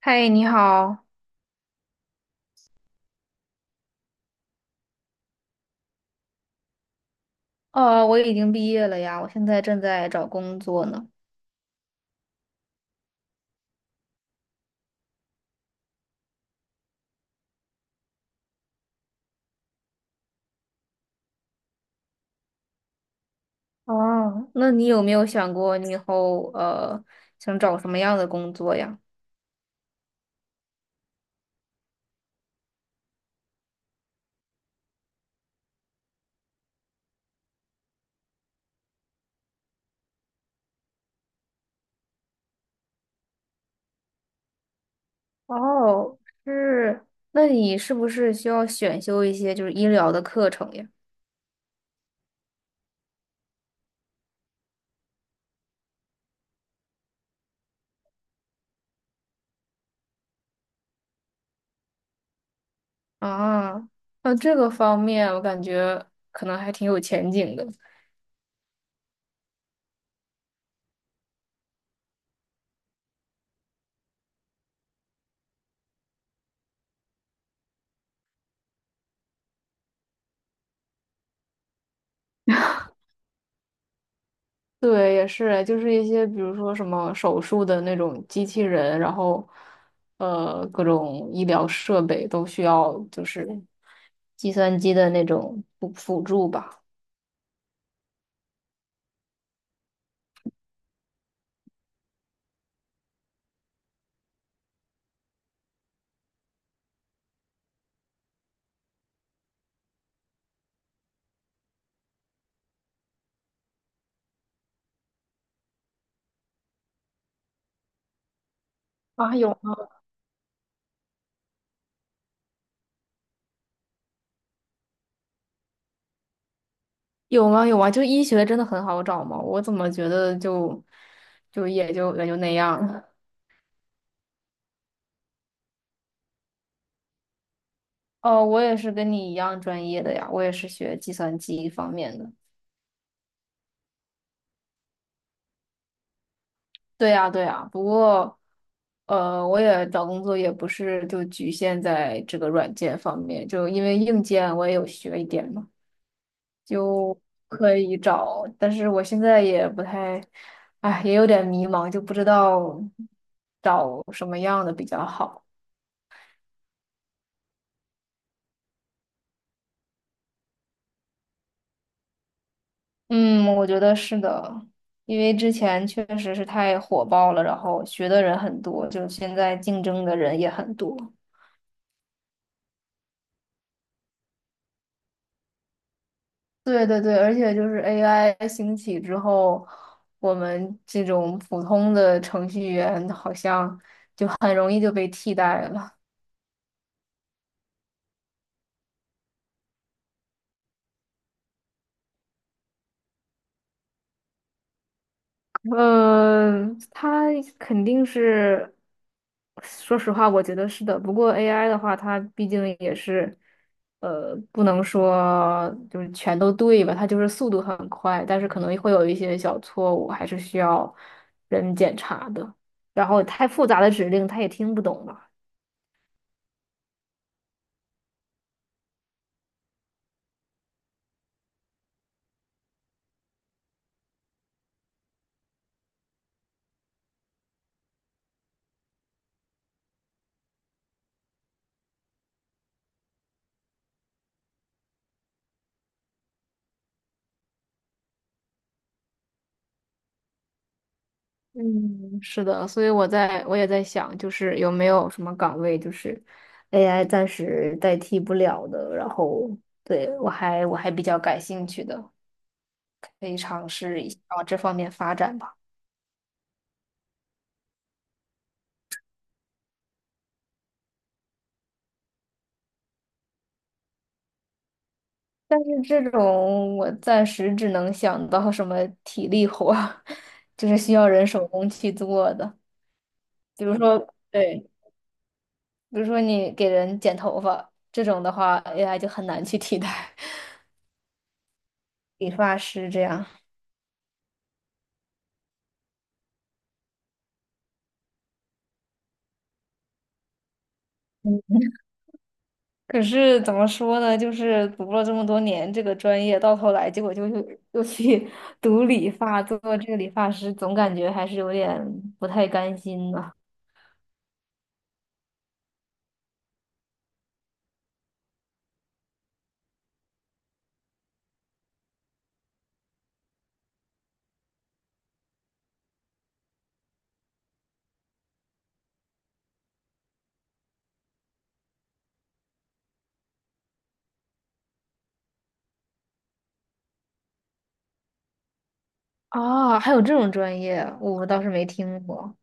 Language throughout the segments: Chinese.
嗨，你好。哦，我已经毕业了呀，我现在正在找工作呢。哦，那你有没有想过你以后想找什么样的工作呀？哦，是，那你是不是需要选修一些就是医疗的课程呀？啊，那这个方面我感觉可能还挺有前景的。对，也是，就是一些比如说什么手术的那种机器人，然后各种医疗设备都需要就是计算机的那种辅助吧。啊，有吗？有吗？有啊！就医学真的很好找吗？我怎么觉得就就也就也就那样了。哦，我也是跟你一样专业的呀，我也是学计算机方面的。对呀，不过，我也找工作也不是就局限在这个软件方面，就因为硬件我也有学一点嘛，就可以找。但是我现在也不太，哎，也有点迷茫，就不知道找什么样的比较好。嗯，我觉得是的，因为之前确实是太火爆了，然后学的人很多，就现在竞争的人也很多。对对对，而且就是 AI 兴起之后，我们这种普通的程序员好像就很容易就被替代了。嗯，它肯定是，说实话，我觉得是的。不过 AI 的话，它毕竟也是，不能说就是全都对吧？它就是速度很快，但是可能会有一些小错误，还是需要人检查的。然后太复杂的指令，它也听不懂嘛。嗯，是的，所以我也在想，就是有没有什么岗位就是 AI 暂时代替不了的，然后对我还比较感兴趣的，可以尝试一下往这方面发展吧。但是这种我暂时只能想到什么体力活儿 就是需要人手工去做的，比如说对，比如说你给人剪头发这种的话，AI 就很难去替代理发师这样。嗯，可是怎么说呢？就是读了这么多年这个专业，到头来结果就又去 读理发，做这个理发师，总感觉还是有点不太甘心呢。啊，还有这种专业，我倒是没听过。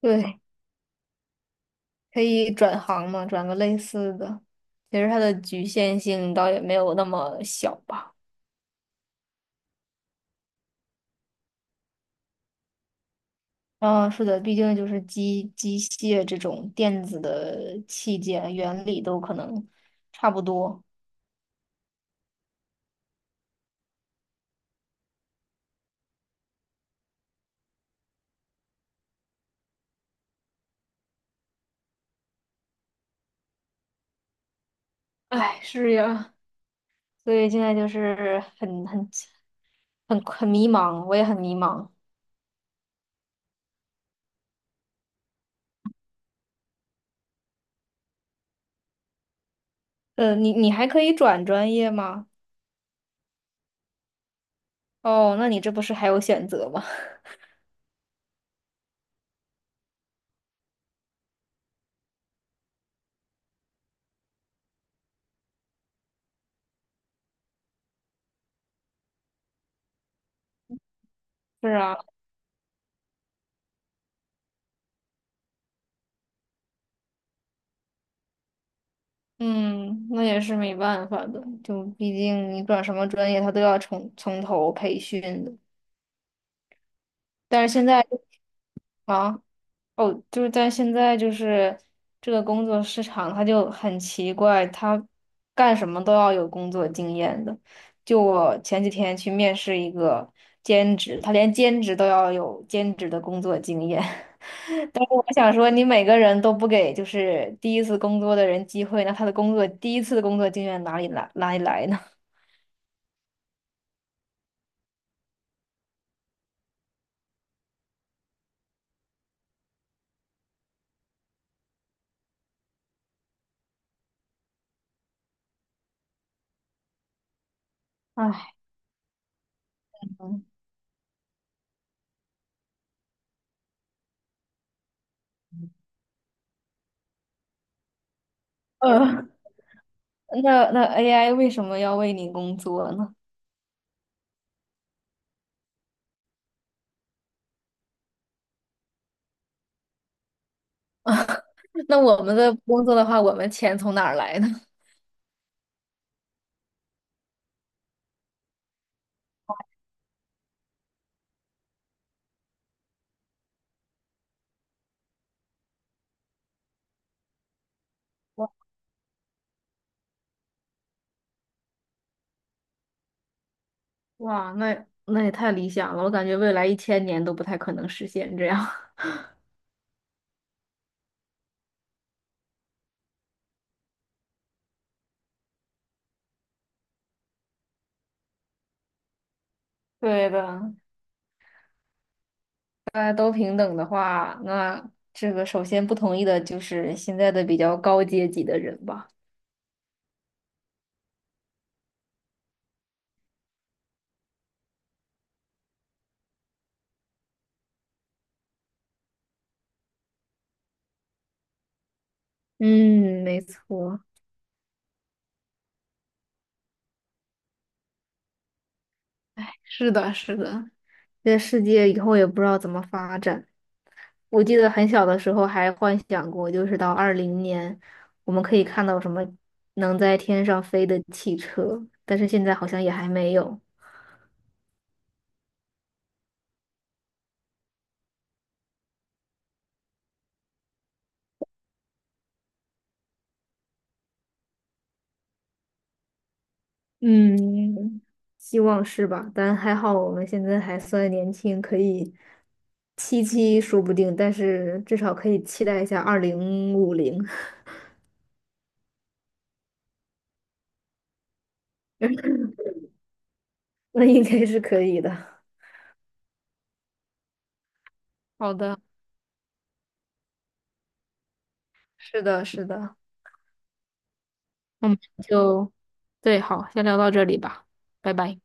对，可以转行嘛，转个类似的。其实它的局限性倒也没有那么小吧。嗯，是的，毕竟就是机械这种电子的器件，原理都可能差不多。哎，是呀。所以现在就是很迷茫，我也很迷茫。呃，你还可以转专业吗？哦，那你这不是还有选择吗？是啊，嗯，那也是没办法的，就毕竟你转什么专业，他都要从头培训的。但是现在啊。哦，就是但现在就是这个工作市场，它就很奇怪，它干什么都要有工作经验的。就我前几天去面试一个兼职，他连兼职都要有兼职的工作经验。但是我想说，你每个人都不给就是第一次工作的人机会，那他的工作第一次的工作经验哪里来呢？唉，嗯，呃，那那 AI 为什么要为你工作呢？那我们的工作的话，我们钱从哪儿来呢？哇，那那也太理想了，我感觉未来1000年都不太可能实现这样。对的，大家都平等的话，那这个首先不同意的就是现在的比较高阶级的人吧。嗯，没错，是的，是的，这世界以后也不知道怎么发展。我记得很小的时候还幻想过，就是到20年，我们可以看到什么能在天上飞的汽车，但是现在好像也还没有。嗯，希望是吧？但还好我们现在还算年轻，可以七七说不定，但是至少可以期待一下2050。那应该是可以的。好的，是的，是的，我们就，对，好，先聊到这里吧，拜拜。